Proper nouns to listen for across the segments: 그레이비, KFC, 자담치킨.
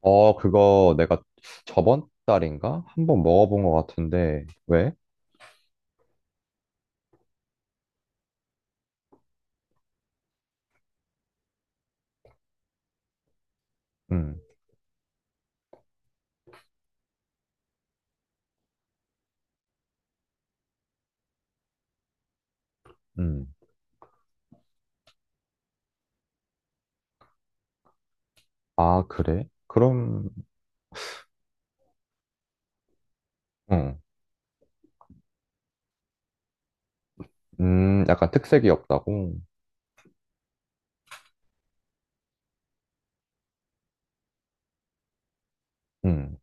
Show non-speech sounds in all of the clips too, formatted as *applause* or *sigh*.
어, 그거 내가 저번 달인가? 한 번 먹어본 것 같은데, 왜? 음, 음. 아, 그래? 그럼, 응. 약간 특색이 없다고? 음,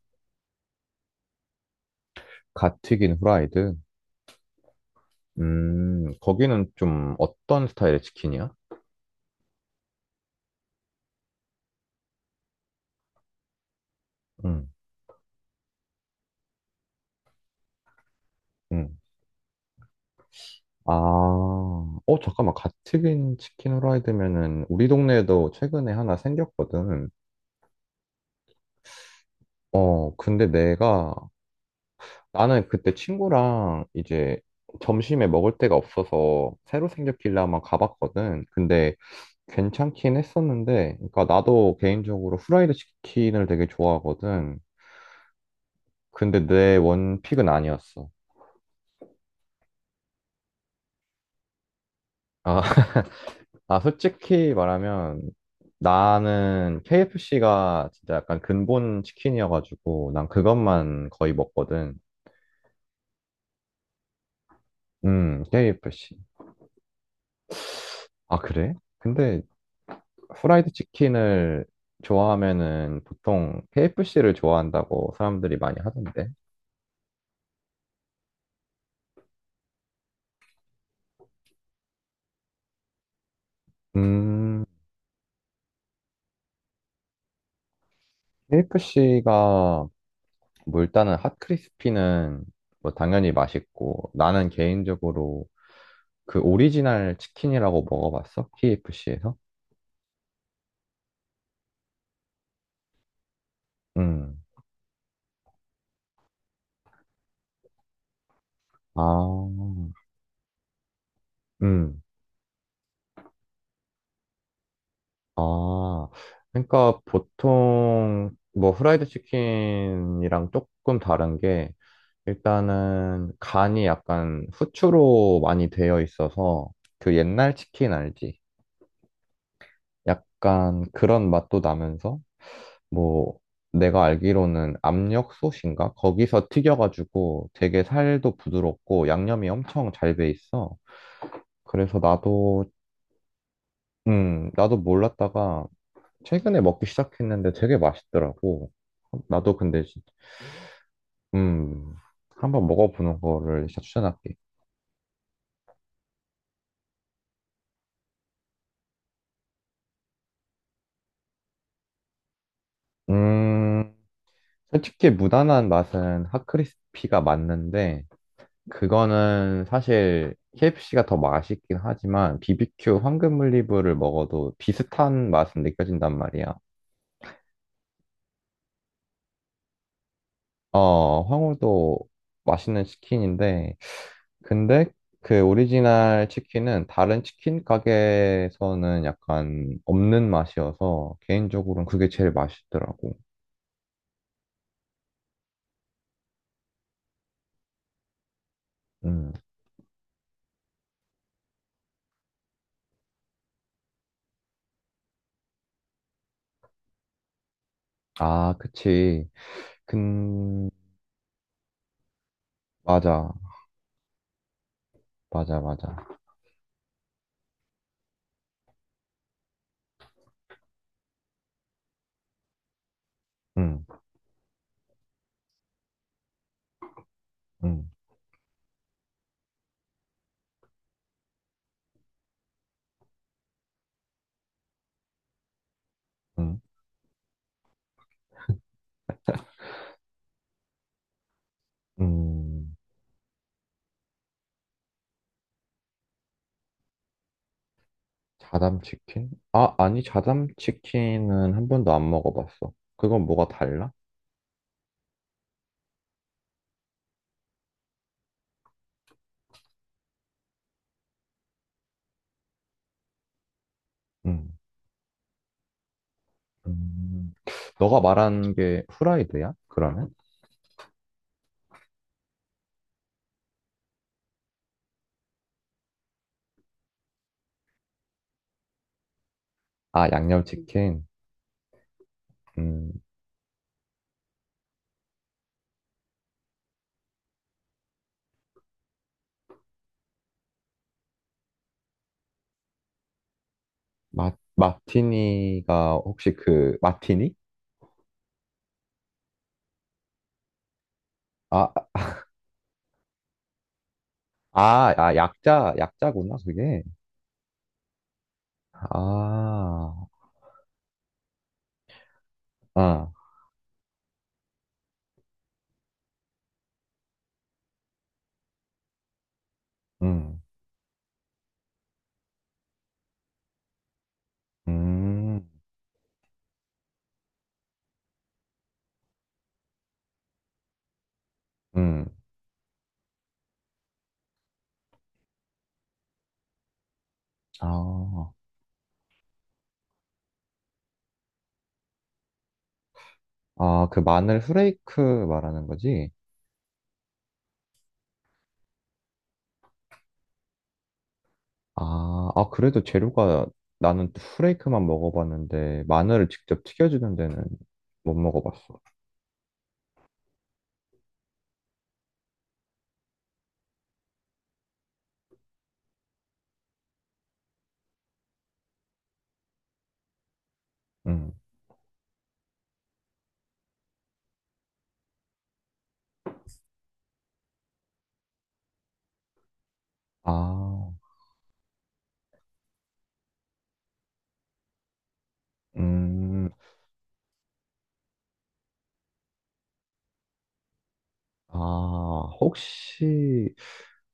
갓 튀긴 후라이드? 거기는 좀 어떤 스타일의 치킨이야? 음, 음. 아, 어, 잠깐만. 갓 튀긴 치킨 후라이드면은 우리 동네에도 최근에 하나 생겼거든. 어, 근데 내가 나는 그때 친구랑 이제 점심에 먹을 데가 없어서 새로 생겼길래 한번 가봤거든. 근데 괜찮긴 했었는데, 그러니까 나도 개인적으로 후라이드 치킨을 되게 좋아하거든. 근데 내 원픽은 아니었어. 아, *laughs* 아, 솔직히 말하면 나는 KFC가 진짜 약간 근본 치킨이어가지고 난 그것만 거의 먹거든. KFC. 아, 그래? 근데 후라이드 치킨을 좋아하면은 보통 KFC를 좋아한다고 사람들이 많이 하던데. 음, KFC가 뭐 일단은 핫크리스피는 뭐 당연히 맛있고 나는 개인적으로 그 오리지널 치킨이라고 먹어봤어? KFC에서? 음. 아, 음. 아, 그러니까 보통 뭐 후라이드 치킨이랑 조금 다른 게 일단은 간이 약간 후추로 많이 되어 있어서 그 옛날 치킨 알지? 약간 그런 맛도 나면서 뭐 내가 알기로는 압력솥인가? 거기서 튀겨가지고 되게 살도 부드럽고 양념이 엄청 잘 배 있어. 그래서 나도 나도 몰랐다가 최근에 먹기 시작했는데 되게 맛있더라고. 나도 근데 음 한번 먹어보는 거를 진짜 추천할게. 음. 솔직히 무난한 맛은 핫크리스피가 맞는데 그거는 사실 KFC가 더 맛있긴 하지만 BBQ 황금 올리브를 먹어도 비슷한 맛은 느껴진단 말이야. 어, 황홀도 맛있는 치킨인데 근데 그 오리지널 치킨은 다른 치킨 가게에서는 약간 없는 맛이어서 개인적으로는 그게 제일 맛있더라고. 음. 아, 그치. 근 맞아. 맞아, 맞아. 음. 음, 음, 음. 자담치킨? 아, 아니, 자담치킨은 한 번도 안 먹어봤어. 그건 뭐가 달라? 음, 음. 너가 말한 게 후라이드야? 그러면? 아, 양념치킨. 음, 마, 마티니가 혹시 그, 마티니? 아, 아, 아, 약자구나, 그게. 아, 아, 음, 음, 음. 아, 아, 그 마늘 후레이크 말하는 거지? 아, 아, 그래도 재료가 나는 후레이크만 먹어봤는데 마늘을 직접 튀겨주는 데는 못 먹어봤어. 음. 아, 음, 아, 혹시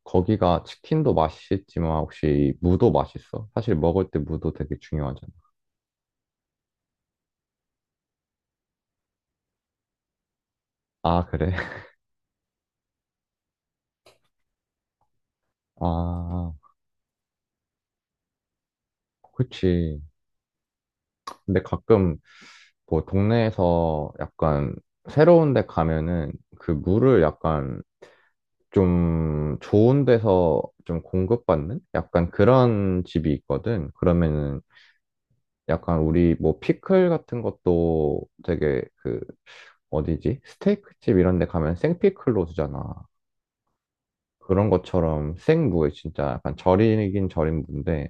거기가 치킨도 맛있지만 혹시 무도 맛있어? 사실 먹을 때 무도 되게 중요하잖아. 아, 그래? *laughs* 아, 그치. 근데 가끔 뭐 동네에서 약간 새로운 데 가면은 그 무를 약간 좀 좋은 데서 좀 공급받는 약간 그런 집이 있거든. 그러면은 약간 우리 뭐 피클 같은 것도 되게 그 어디지? 스테이크 집 이런 데 가면 생피클로 주잖아. 그런 것처럼 생무에 진짜 약간 절이긴 절인 무인데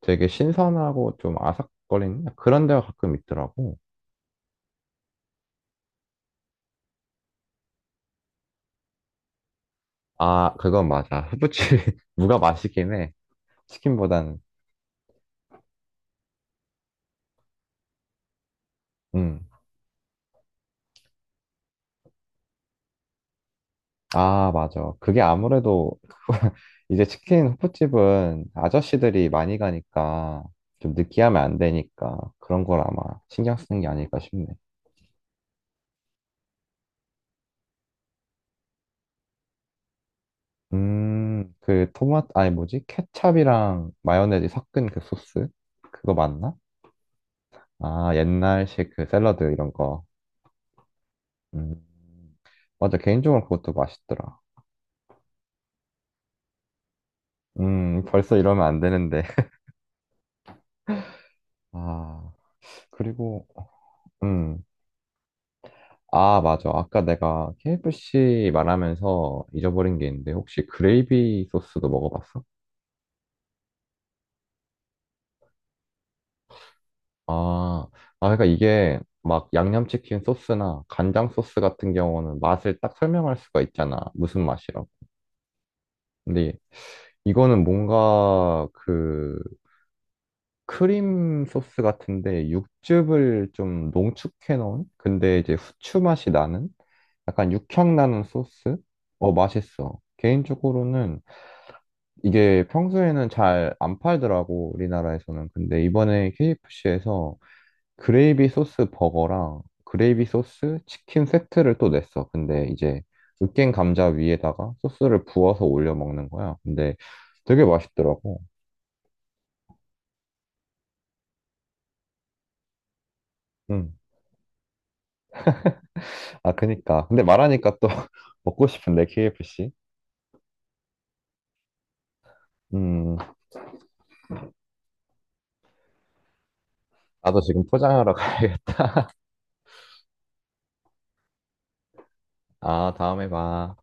되게 신선하고 좀 아삭거리는 그런 데가 가끔 있더라고. 아, 그건 맞아. 후부치 *laughs* 무가 맛있긴 해. 치킨보다는. 음. 아, 맞아. 그게 아무래도 *laughs* 이제 치킨 호프집은 아저씨들이 많이 가니까 좀 느끼하면 안 되니까 그런 걸 아마 신경 쓰는 게 아닐까 싶네. 그 토마토, 아니 뭐지? 케찹이랑 마요네즈 섞은 그 소스? 그거 맞나? 아, 옛날식 그 샐러드 이런 거. 음, 맞아. 개인적으로 그것도 맛있더라. 벌써 이러면 안 되는데. *laughs* 아, 그리고, 음. 아, 맞아. 아까 내가 KFC 말하면서 잊어버린 게 있는데, 혹시 그레이비 소스도 먹어봤어? 아, 아, 그러니까 이게 막 양념치킨 소스나 간장 소스 같은 경우는 맛을 딱 설명할 수가 있잖아. 무슨 맛이라고. 근데 이거는 뭔가 그 크림 소스 같은데 육즙을 좀 농축해 놓은? 근데 이제 후추 맛이 나는? 약간 육향 나는 소스? 어, 맛있어. 개인적으로는 이게 평소에는 잘 안 팔더라고, 우리나라에서는. 근데 이번에 KFC에서 그레이비 소스 버거랑 그레이비 소스 치킨 세트를 또 냈어. 근데 이제 으깬 감자 위에다가 소스를 부어서 올려 먹는 거야. 근데 되게 맛있더라고. 음. 아, 그니까. 근데 말하니까 또 *laughs* 먹고 싶은데, KFC. 음, 나도 지금 포장하러 *laughs* 가야겠다. 아, 다음에 봐.